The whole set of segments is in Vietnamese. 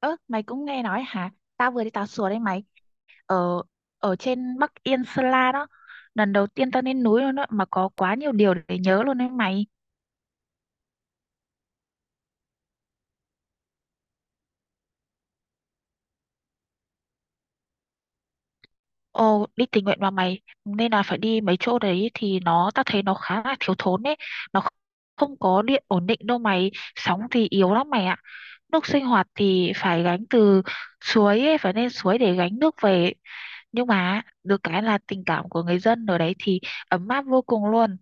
Ơ, mày cũng nghe nói hả? Tao vừa đi tàu sùa đấy mày. Ở ở trên Bắc Yên Sơn La đó. Lần đầu tiên tao lên núi luôn đó, mà có quá nhiều điều để nhớ luôn đấy mày. Ồ, đi tình nguyện mà mày nên là phải đi mấy chỗ đấy thì nó tao thấy nó khá là thiếu thốn đấy. Nó không có điện ổn định đâu mày, sóng thì yếu lắm mày ạ. Nước sinh hoạt thì phải gánh từ suối ấy, phải lên suối để gánh nước về. Nhưng mà được cái là tình cảm của người dân ở đấy thì ấm áp vô cùng luôn.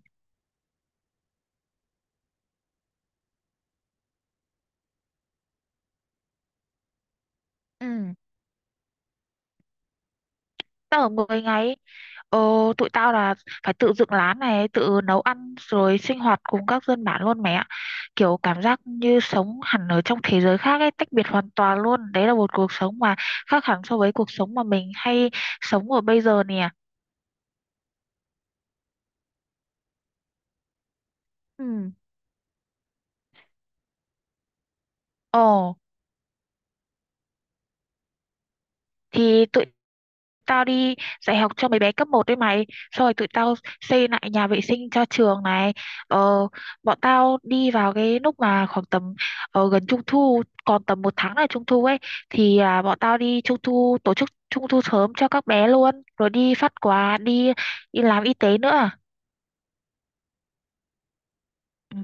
Ừ, tao ở 10 ngày. Ờ, Tụi tao là phải tự dựng lán này, tự nấu ăn rồi sinh hoạt cùng các dân bản luôn mẹ ạ. Kiểu cảm giác như sống hẳn ở trong thế giới khác ấy, tách biệt hoàn toàn luôn. Đấy là một cuộc sống mà khác hẳn so với cuộc sống mà mình hay sống ở bây giờ nè. Ừ. Ồ. Thì tụi tao đi dạy học cho mấy bé cấp một đấy mày, xong rồi tụi tao xây lại nhà vệ sinh cho trường này. ờ, Bọn tao đi vào cái lúc mà khoảng tầm gần trung thu, còn tầm một tháng là trung thu ấy, thì bọn tao đi trung thu, tổ chức trung thu sớm cho các bé luôn, rồi đi phát quà, đi đi làm y tế nữa. Ừ.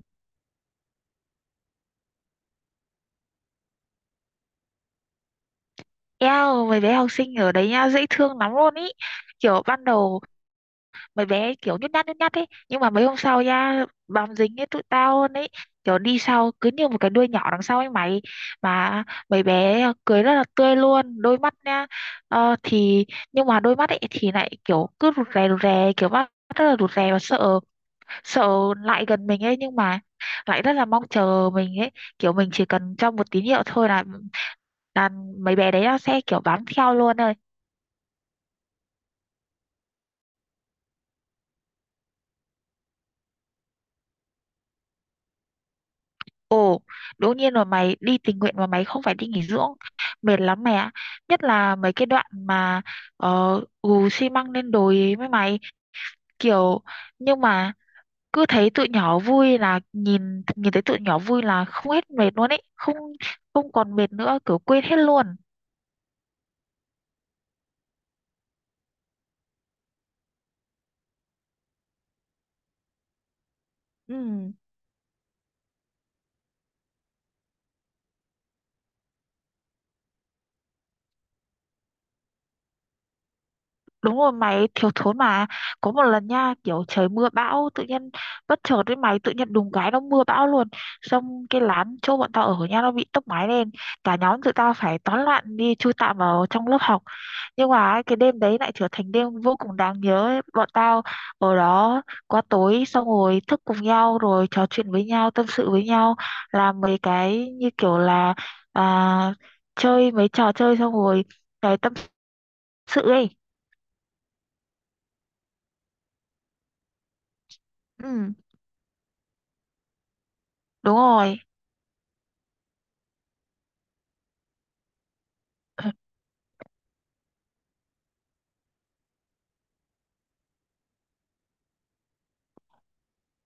Eo, mấy bé học sinh ở đấy nha dễ thương lắm luôn ý. Kiểu ban đầu mấy bé kiểu nhút nhát ấy, nhưng mà mấy hôm sau nha bám dính ấy tụi tao luôn ấy, kiểu đi sau cứ như một cái đuôi nhỏ đằng sau ấy mày. Mà mấy bé cười rất là tươi luôn, đôi mắt nha. Thì nhưng mà đôi mắt ấy thì lại kiểu cứ rụt rè rụt rè, kiểu mắt rất là rụt rè và sợ sợ lại gần mình ấy, nhưng mà lại rất là mong chờ mình ấy. Kiểu mình chỉ cần cho một tín hiệu thôi là mấy bé đấy nó sẽ kiểu bám theo luôn thôi. Ồ, đương nhiên rồi mày, đi tình nguyện mà, mày không phải đi nghỉ dưỡng. Mệt lắm mày ạ. Nhất là mấy cái đoạn mà gù xi măng lên đồi ấy với mày. Kiểu, nhưng mà cứ thấy tụi nhỏ vui là nhìn nhìn thấy tụi nhỏ vui là không hết mệt luôn ấy. Không không còn mệt nữa, kiểu quên hết luôn. Ừ. Đúng rồi mày, thiếu thốn mà. Có một lần nha, kiểu trời mưa bão. Tự nhiên bất chợt với mày, tự nhiên đùng cái nó mưa bão luôn. Xong cái lán chỗ bọn tao ở nha, nó bị tốc mái lên. Cả nhóm tụi tao phải tán loạn đi chui tạm vào trong lớp học. Nhưng mà ấy, cái đêm đấy lại trở thành đêm vô cùng đáng nhớ ấy. Bọn tao ở đó qua tối, xong rồi thức cùng nhau, rồi trò chuyện với nhau, tâm sự với nhau. Làm mấy cái như kiểu là à, chơi mấy trò chơi, xong rồi cái tâm sự ấy. Ừ, đúng rồi.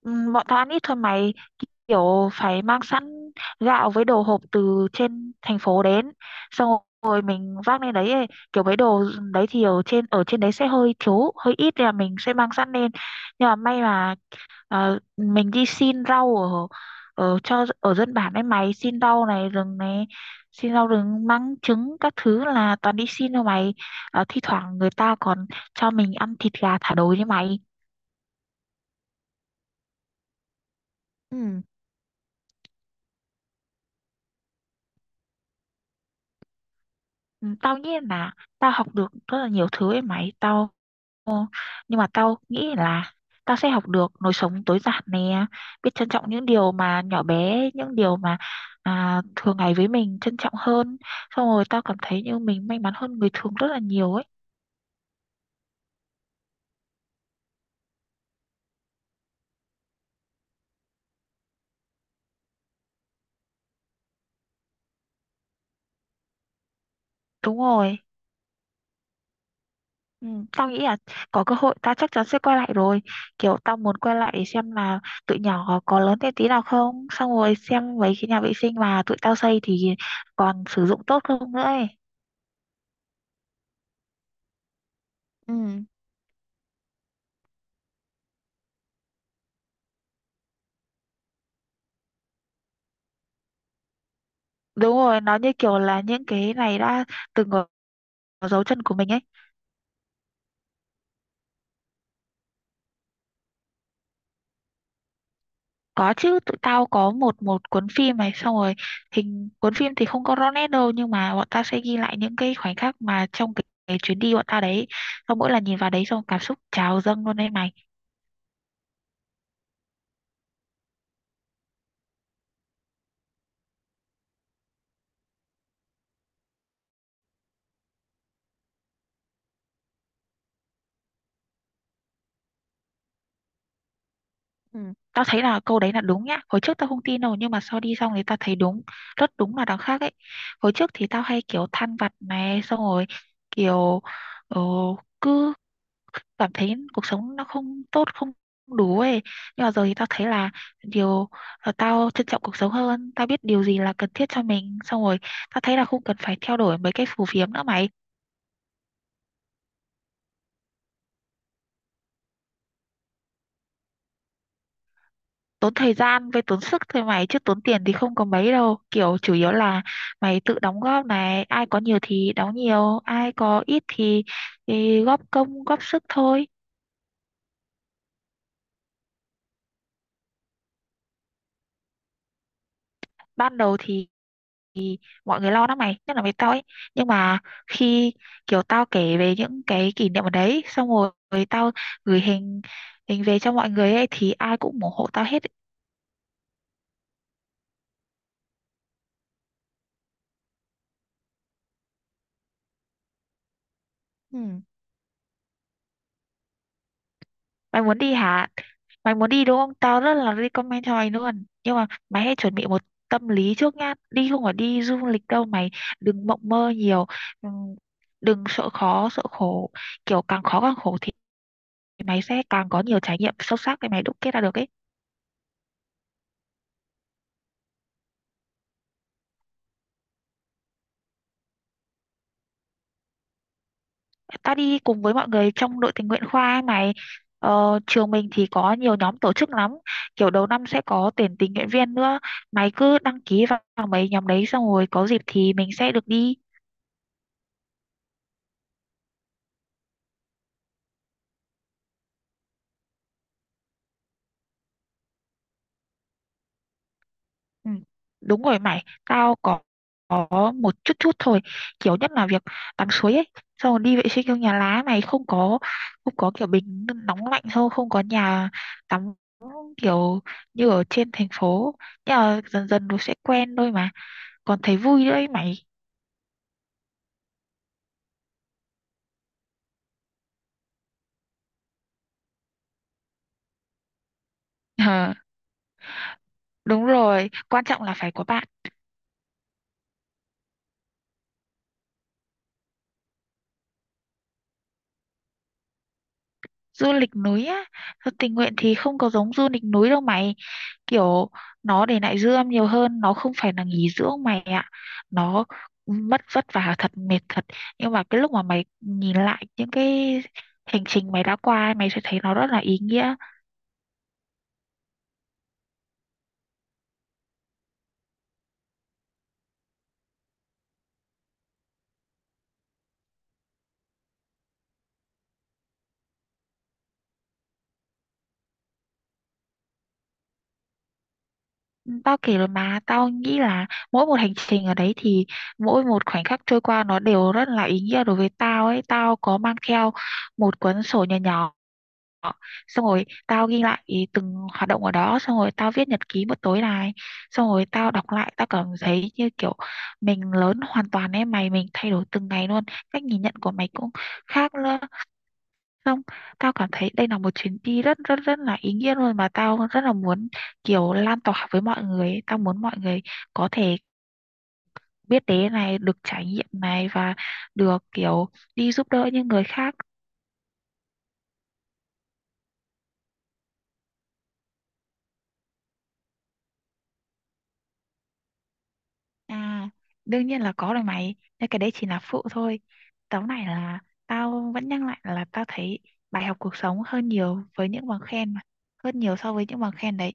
Ừ, bọn tao ăn ít thôi mày, kiểu phải mang sẵn gạo với đồ hộp từ trên thành phố đến, xong rồi mình vác lên đấy ấy. Kiểu mấy đồ đấy thì ở trên đấy sẽ hơi thiếu hơi ít, nên là mình sẽ mang sẵn lên. Nhưng mà may mà mình đi xin rau ở ở cho ở dân bản ấy mày, xin rau này, rừng này, xin rau rừng măng trứng các thứ, là toàn đi xin thôi mày. Thi thoảng người ta còn cho mình ăn thịt gà thả đồi đấy mày. Ừ. Ừ, tao nghĩ là tao học được rất là nhiều thứ ấy mày. Tao nhưng mà tao nghĩ là tao sẽ học được lối sống tối giản nè, biết trân trọng những điều mà nhỏ bé, những điều mà thường ngày với mình trân trọng hơn. Xong rồi tao cảm thấy như mình may mắn hơn người thường rất là nhiều ấy. Đúng rồi. Ừ, tao nghĩ là có cơ hội tao chắc chắn sẽ quay lại rồi. Kiểu tao muốn quay lại để xem là tụi nhỏ có lớn thêm tí nào không, xong rồi xem mấy cái nhà vệ sinh mà tụi tao xây thì còn sử dụng tốt không nữa ấy. Ừ. Đúng rồi, nó như kiểu là những cái này đã từng ở ở dấu chân của mình ấy. Có chứ, tụi tao có một một cuốn phim này, xong rồi hình cuốn phim thì không có rõ nét đâu, nhưng mà bọn tao sẽ ghi lại những cái khoảnh khắc mà trong cái chuyến đi bọn tao đấy. Xong mỗi lần nhìn vào đấy xong cảm xúc trào dâng luôn đấy mày. Ừ. Tao thấy là câu đấy là đúng nhá. Hồi trước tao không tin đâu, nhưng mà sau đi xong thì tao thấy đúng, rất đúng là đằng khác ấy. Hồi trước thì tao hay kiểu than vặt này, xong rồi kiểu ờ, cứ cảm thấy cuộc sống nó không tốt, không đủ ấy. Nhưng mà giờ thì tao thấy là điều là tao trân trọng cuộc sống hơn, tao biết điều gì là cần thiết cho mình. Xong rồi tao thấy là không cần phải theo đuổi mấy cái phù phiếm nữa mày. Tốn thời gian với tốn sức thôi mày, chứ tốn tiền thì không có mấy đâu, kiểu chủ yếu là mày tự đóng góp này, ai có nhiều thì đóng nhiều, ai có ít thì, góp công góp sức thôi. Ban đầu thì mọi người lo lắm mày, nhất là với tao ấy, nhưng mà khi kiểu tao kể về những cái kỷ niệm ở đấy, xong rồi tao gửi hình hình về cho mọi người ấy thì ai cũng ủng hộ tao hết. Ừ. Mày muốn đi hả? Mày muốn đi đúng không, tao rất là recommend cho mày luôn, nhưng mà mày hãy chuẩn bị một tâm lý trước nhá, đi không phải đi du lịch đâu mày, đừng mộng mơ nhiều. Ừm, Đừng sợ khó sợ khổ, kiểu càng khó càng khổ thì mày sẽ càng có nhiều trải nghiệm sâu sắc để mày đúc kết ra được ấy. Ta đi cùng với mọi người trong đội tình nguyện khoa ấy mày. Trường mình thì có nhiều nhóm tổ chức lắm, kiểu đầu năm sẽ có tuyển tình nguyện viên nữa. Mày cứ đăng ký vào vào mấy nhóm đấy, xong rồi có dịp thì mình sẽ được đi. Ừ, đúng rồi mày. Tao có một chút chút thôi, kiểu nhất là việc tắm suối ấy, xong rồi đi vệ sinh trong nhà lá mày, không có kiểu bình nóng lạnh, không không có nhà tắm kiểu như ở trên thành phố. Nhưng mà dần dần nó sẽ quen thôi mà, còn thấy vui nữa ấy mày. Hả? Đúng rồi, quan trọng là phải có bạn. Du lịch núi á? Thật, tình nguyện thì không có giống du lịch núi đâu mày. Kiểu nó để lại dư âm nhiều hơn, nó không phải là nghỉ dưỡng mày ạ. Nó mất vất vả thật, mệt thật. Nhưng mà cái lúc mà mày nhìn lại những cái hành trình mày đã qua, mày sẽ thấy nó rất là ý nghĩa. Tao kể rồi mà, tao nghĩ là mỗi một hành trình ở đấy thì mỗi một khoảnh khắc trôi qua nó đều rất là ý nghĩa đối với tao ấy. Tao có mang theo một cuốn sổ nhỏ nhỏ, xong rồi tao ghi lại ý từng hoạt động ở đó, xong rồi tao viết nhật ký một tối này, xong rồi tao đọc lại tao cảm thấy như kiểu mình lớn hoàn toàn em mày, mình thay đổi từng ngày luôn. Cách nhìn nhận của mày cũng khác nữa. Xong tao cảm thấy đây là một chuyến đi rất rất rất là ý nghĩa luôn, mà tao rất là muốn kiểu lan tỏa với mọi người ấy. Tao muốn mọi người có thể biết đến này, được trải nghiệm này và được kiểu đi giúp đỡ những người khác. À, đương nhiên là có rồi mày. Nhưng cái đấy chỉ là phụ thôi. Tấu này là tao vẫn nhắc lại là tao thấy bài học cuộc sống hơn nhiều với những bằng khen mà. Hơn nhiều so với những bằng khen đấy.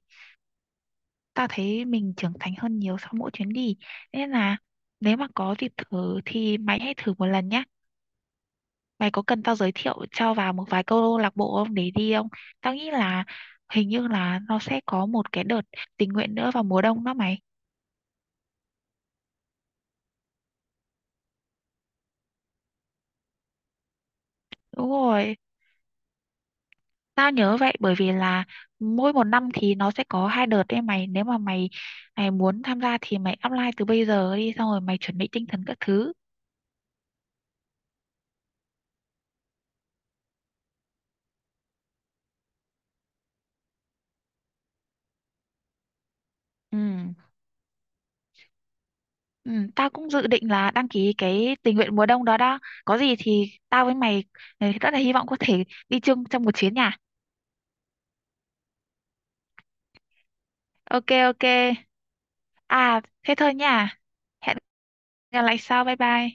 Tao thấy mình trưởng thành hơn nhiều sau mỗi chuyến đi. Nên là nếu mà có dịp thử thì mày hãy thử một lần nhé. Mày có cần tao giới thiệu cho vào một vài câu lạc bộ không, để đi không? Tao nghĩ là hình như là nó sẽ có một cái đợt tình nguyện nữa vào mùa đông đó mày. Đúng rồi. Tao nhớ vậy bởi vì là mỗi một năm thì nó sẽ có hai đợt đấy mày, nếu mà mày mày muốn tham gia thì mày apply từ bây giờ đi, xong rồi mày chuẩn bị tinh thần các thứ. Ừ. Ừ, tao cũng dự định là đăng ký cái tình nguyện mùa đông đó đó. Có gì thì tao với mày, ừ, rất là hy vọng có thể đi chung trong một chuyến nhà. Ok ok. À, thế thôi nha, hẹn gặp lại sau. Bye bye.